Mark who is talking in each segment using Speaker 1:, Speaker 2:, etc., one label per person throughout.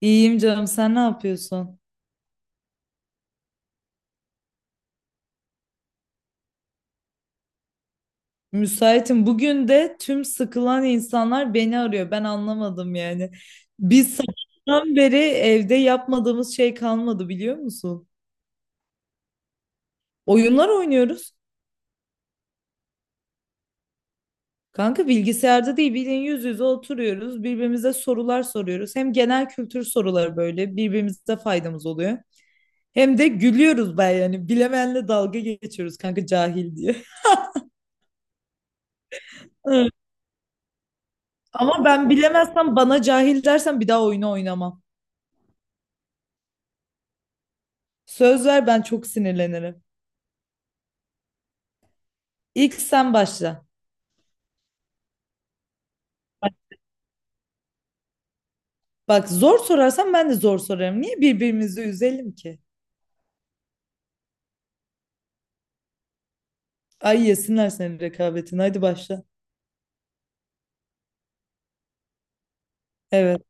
Speaker 1: İyiyim canım sen ne yapıyorsun? Müsaitim. Bugün de tüm sıkılan insanlar beni arıyor. Ben anlamadım yani. Biz sabahtan beri evde yapmadığımız şey kalmadı biliyor musun? Oyunlar oynuyoruz. Kanka bilgisayarda değil bildiğin yüz yüze oturuyoruz. Birbirimize sorular soruyoruz. Hem genel kültür soruları böyle birbirimize faydamız oluyor. Hem de gülüyoruz ben yani. Bilemeyenle dalga geçiyoruz kanka cahil diye. Evet. Ama ben bilemezsem bana cahil dersen bir daha oyunu oynamam. Söz ver ben çok sinirlenirim. İlk sen başla. Bak zor sorarsan ben de zor sorarım. Niye birbirimizi üzelim ki? Ay yesinler senin rekabetini. Hadi başla. Evet.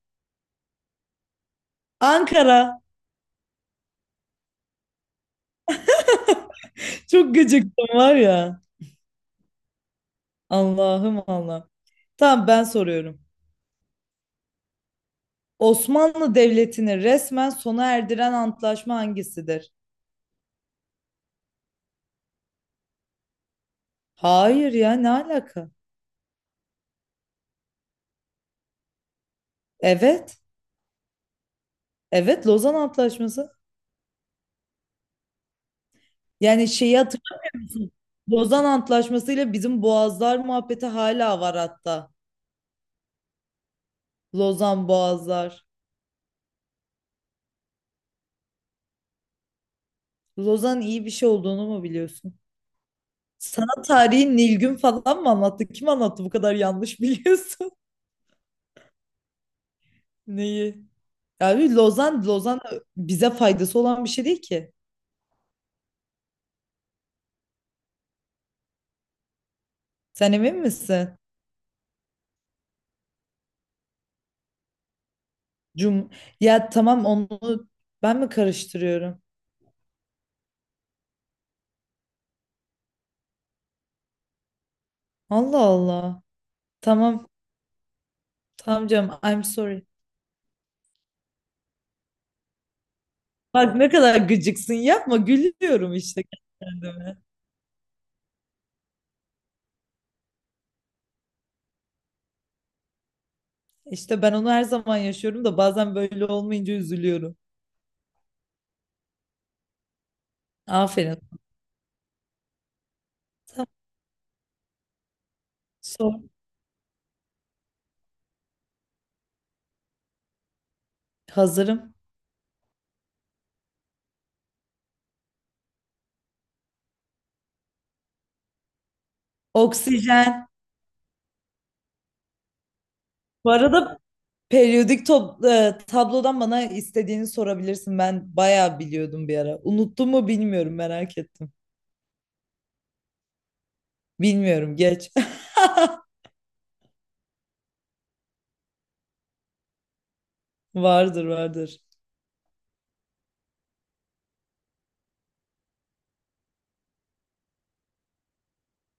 Speaker 1: Ankara. Çok gıcıktım var ya. Allah'ım Allah. Tamam ben soruyorum. Osmanlı Devleti'ni resmen sona erdiren antlaşma hangisidir? Hayır ya ne alaka? Evet. Evet Lozan Antlaşması. Yani şeyi hatırlıyorum. Lozan Antlaşması'yla bizim Boğazlar muhabbeti hala var hatta. Lozan Boğazlar. Lozan iyi bir şey olduğunu mu biliyorsun? Sana tarihi Nilgün falan mı anlattı? Kim anlattı bu kadar yanlış biliyorsun? Neyi? Yani Lozan, Lozan bize faydası olan bir şey değil ki. Sen emin misin? Cum ya tamam onu ben mi karıştırıyorum? Allah Allah. Tamam. Tamam canım. I'm sorry. Bak ne kadar gıcıksın. Yapma gülüyorum işte kendime. İşte ben onu her zaman yaşıyorum da bazen böyle olmayınca üzülüyorum. Aferin. Tamam, sor. Hazırım. Oksijen. Bu arada periyodik tablodan bana istediğini sorabilirsin. Ben bayağı biliyordum bir ara. Unuttum mu bilmiyorum merak ettim. Bilmiyorum geç. Vardır vardır.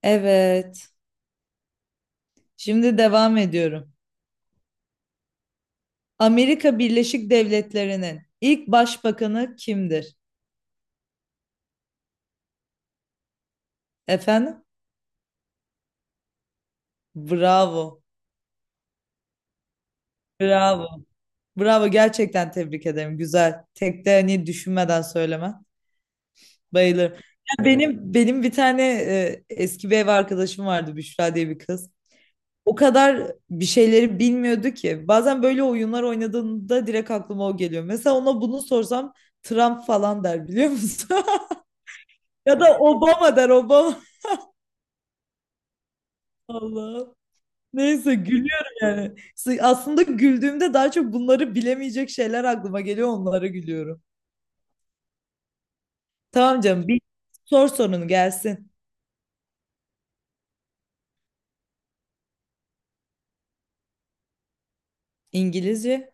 Speaker 1: Evet. Şimdi devam ediyorum. Amerika Birleşik Devletleri'nin ilk başbakanı kimdir? Efendim? Bravo. Bravo. Bravo gerçekten tebrik ederim. Güzel. Tek de hani düşünmeden söyleme. Bayılırım. Ya benim bir tane eski bir ev arkadaşım vardı Büşra diye bir kız. O kadar bir şeyleri bilmiyordu ki. Bazen böyle oyunlar oynadığında direkt aklıma o geliyor. Mesela ona bunu sorsam Trump falan der biliyor musun? Ya da Obama der Obama. Allah. Neyse gülüyorum yani. Aslında güldüğümde daha çok bunları bilemeyecek şeyler aklıma geliyor onlara gülüyorum. Tamam canım bir sor sorunu gelsin. İngilizce,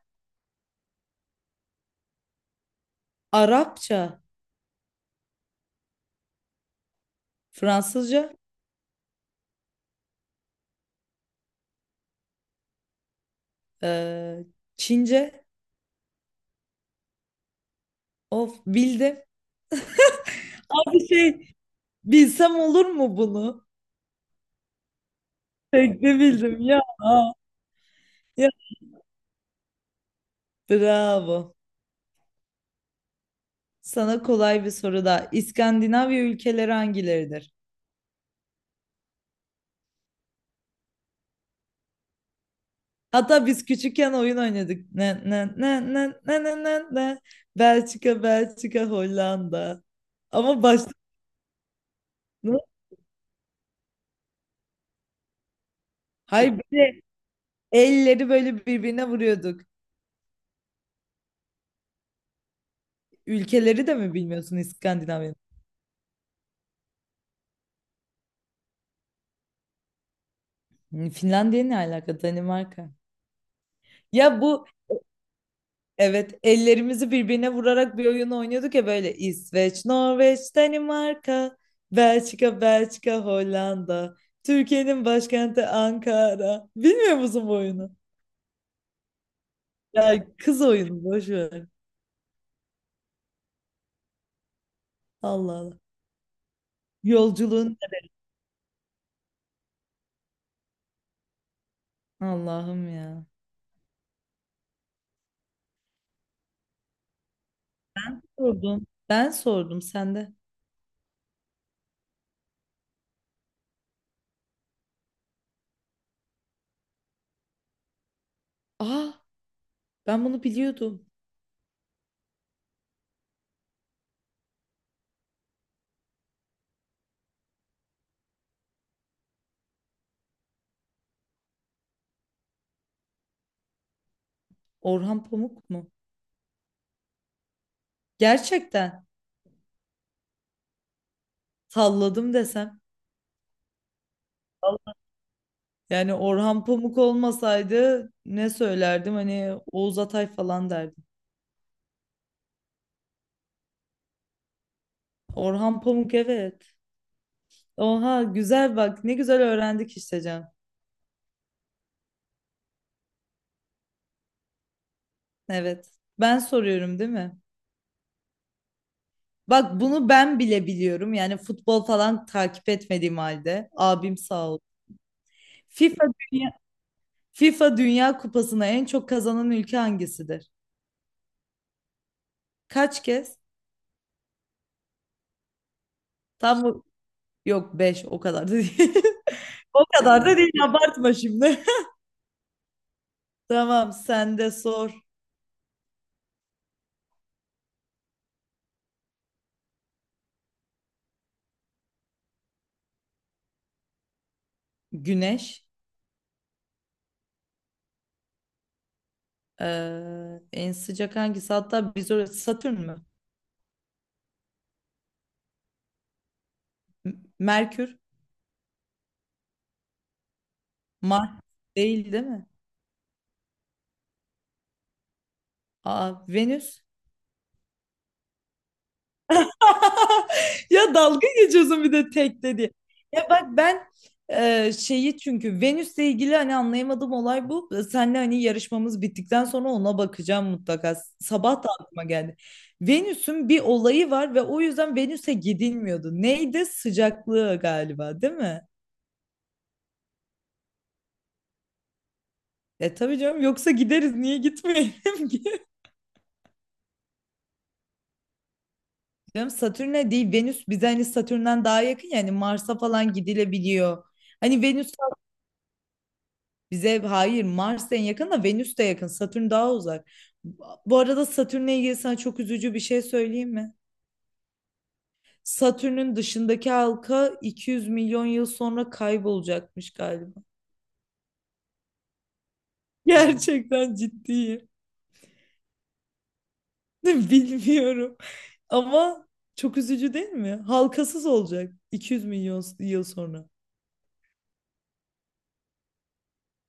Speaker 1: Arapça, Fransızca, eee, Çince. Of bildim. Abi şey bilsem olur mu bunu? Tek de bildim ya. Ya bravo. Sana kolay bir soru daha. İskandinavya ülkeleri hangileridir? Hatta biz küçükken oyun oynadık. Ne ne ne ne ne ne ne ne. Belçika, Belçika, Hollanda. Ama başta Hayır bir de elleri böyle birbirine vuruyorduk. Ülkeleri de mi bilmiyorsun İskandinavya'nın? Hmm, Finlandiya ne alaka? Danimarka. Ya bu evet ellerimizi birbirine vurarak bir oyun oynuyorduk ya böyle İsveç, Norveç, Danimarka, Belçika, Belçika, Hollanda, Türkiye'nin başkenti Ankara. Bilmiyor musun bu oyunu? Ya kız oyunu boş ver. Allah Allah. Yolculuğun Allah'ım ya. Sordum. Ben sordum sen de. Aa ben bunu biliyordum. Orhan Pamuk mu? Gerçekten. Salladım desem. Yani Orhan Pamuk olmasaydı ne söylerdim? Hani Oğuz Atay falan derdim. Orhan Pamuk evet. Oha güzel bak ne güzel öğrendik işte Can. Evet. Ben soruyorum değil mi? Bak bunu ben bile biliyorum. Yani futbol falan takip etmediğim halde. Abim sağ ol. FIFA Dünya, FIFA Dünya Kupası'na en çok kazanan ülke hangisidir? Kaç kez? Tam bu- yok 5. O kadar da değil. O kadar da değil abartma şimdi. Tamam, sen de sor. Güneş. En sıcak hangisi? Hatta biz orası Satürn mü? M- Merkür. Mars değil değil mi? Aa, Venüs. Ya dalga geçiyorsun bir de tek dedi. Ya bak ben şeyi çünkü Venüs'le ilgili hani anlayamadığım olay bu. Senle hani yarışmamız bittikten sonra ona bakacağım mutlaka. Sabah da aklıma geldi. Venüs'ün bir olayı var ve o yüzden Venüs'e gidilmiyordu. Neydi? Sıcaklığı galiba, değil mi? E tabii canım yoksa gideriz niye gitmeyelim ki? Canım Satürn'e değil Venüs bize hani Satürn'den daha yakın yani Mars'a falan gidilebiliyor. Hani Venüs bize hayır Mars en yakın da Venüs de yakın Satürn daha uzak. Bu arada Satürn'le ilgili sana çok üzücü bir şey söyleyeyim mi? Satürn'ün dışındaki halka 200 milyon yıl sonra kaybolacakmış galiba. Gerçekten ciddiyim. Bilmiyorum ama çok üzücü değil mi? Halkasız olacak 200 milyon yıl sonra.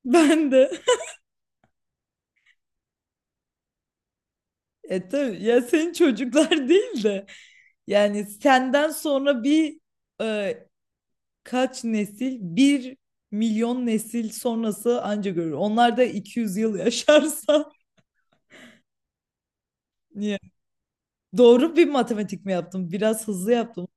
Speaker 1: Ben de. E tabii ya senin çocuklar değil de yani senden sonra e, kaç nesil? 1 milyon nesil sonrası anca görür. Onlar da 200 yıl yaşarsa niye? Doğru bir matematik mi yaptım? Biraz hızlı yaptım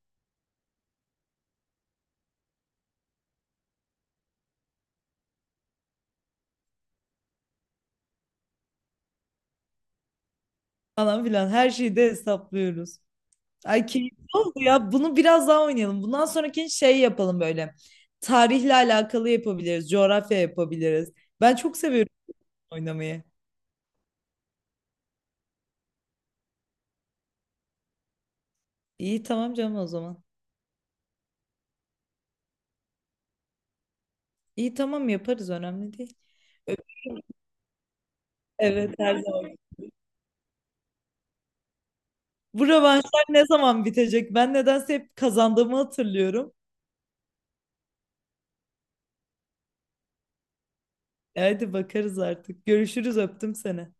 Speaker 1: falan filan. Her şeyi de hesaplıyoruz. Ay keyifli oldu ya. Bunu biraz daha oynayalım. Bundan sonraki şey yapalım böyle. Tarihle alakalı yapabiliriz. Coğrafya yapabiliriz. Ben çok seviyorum oynamayı. İyi tamam canım o zaman. İyi tamam yaparız önemli değil. Ö- Evet her zaman. Bu rövanşlar ne zaman bitecek? Ben nedense hep kazandığımı hatırlıyorum. E, Hadi bakarız artık. Görüşürüz öptüm seni.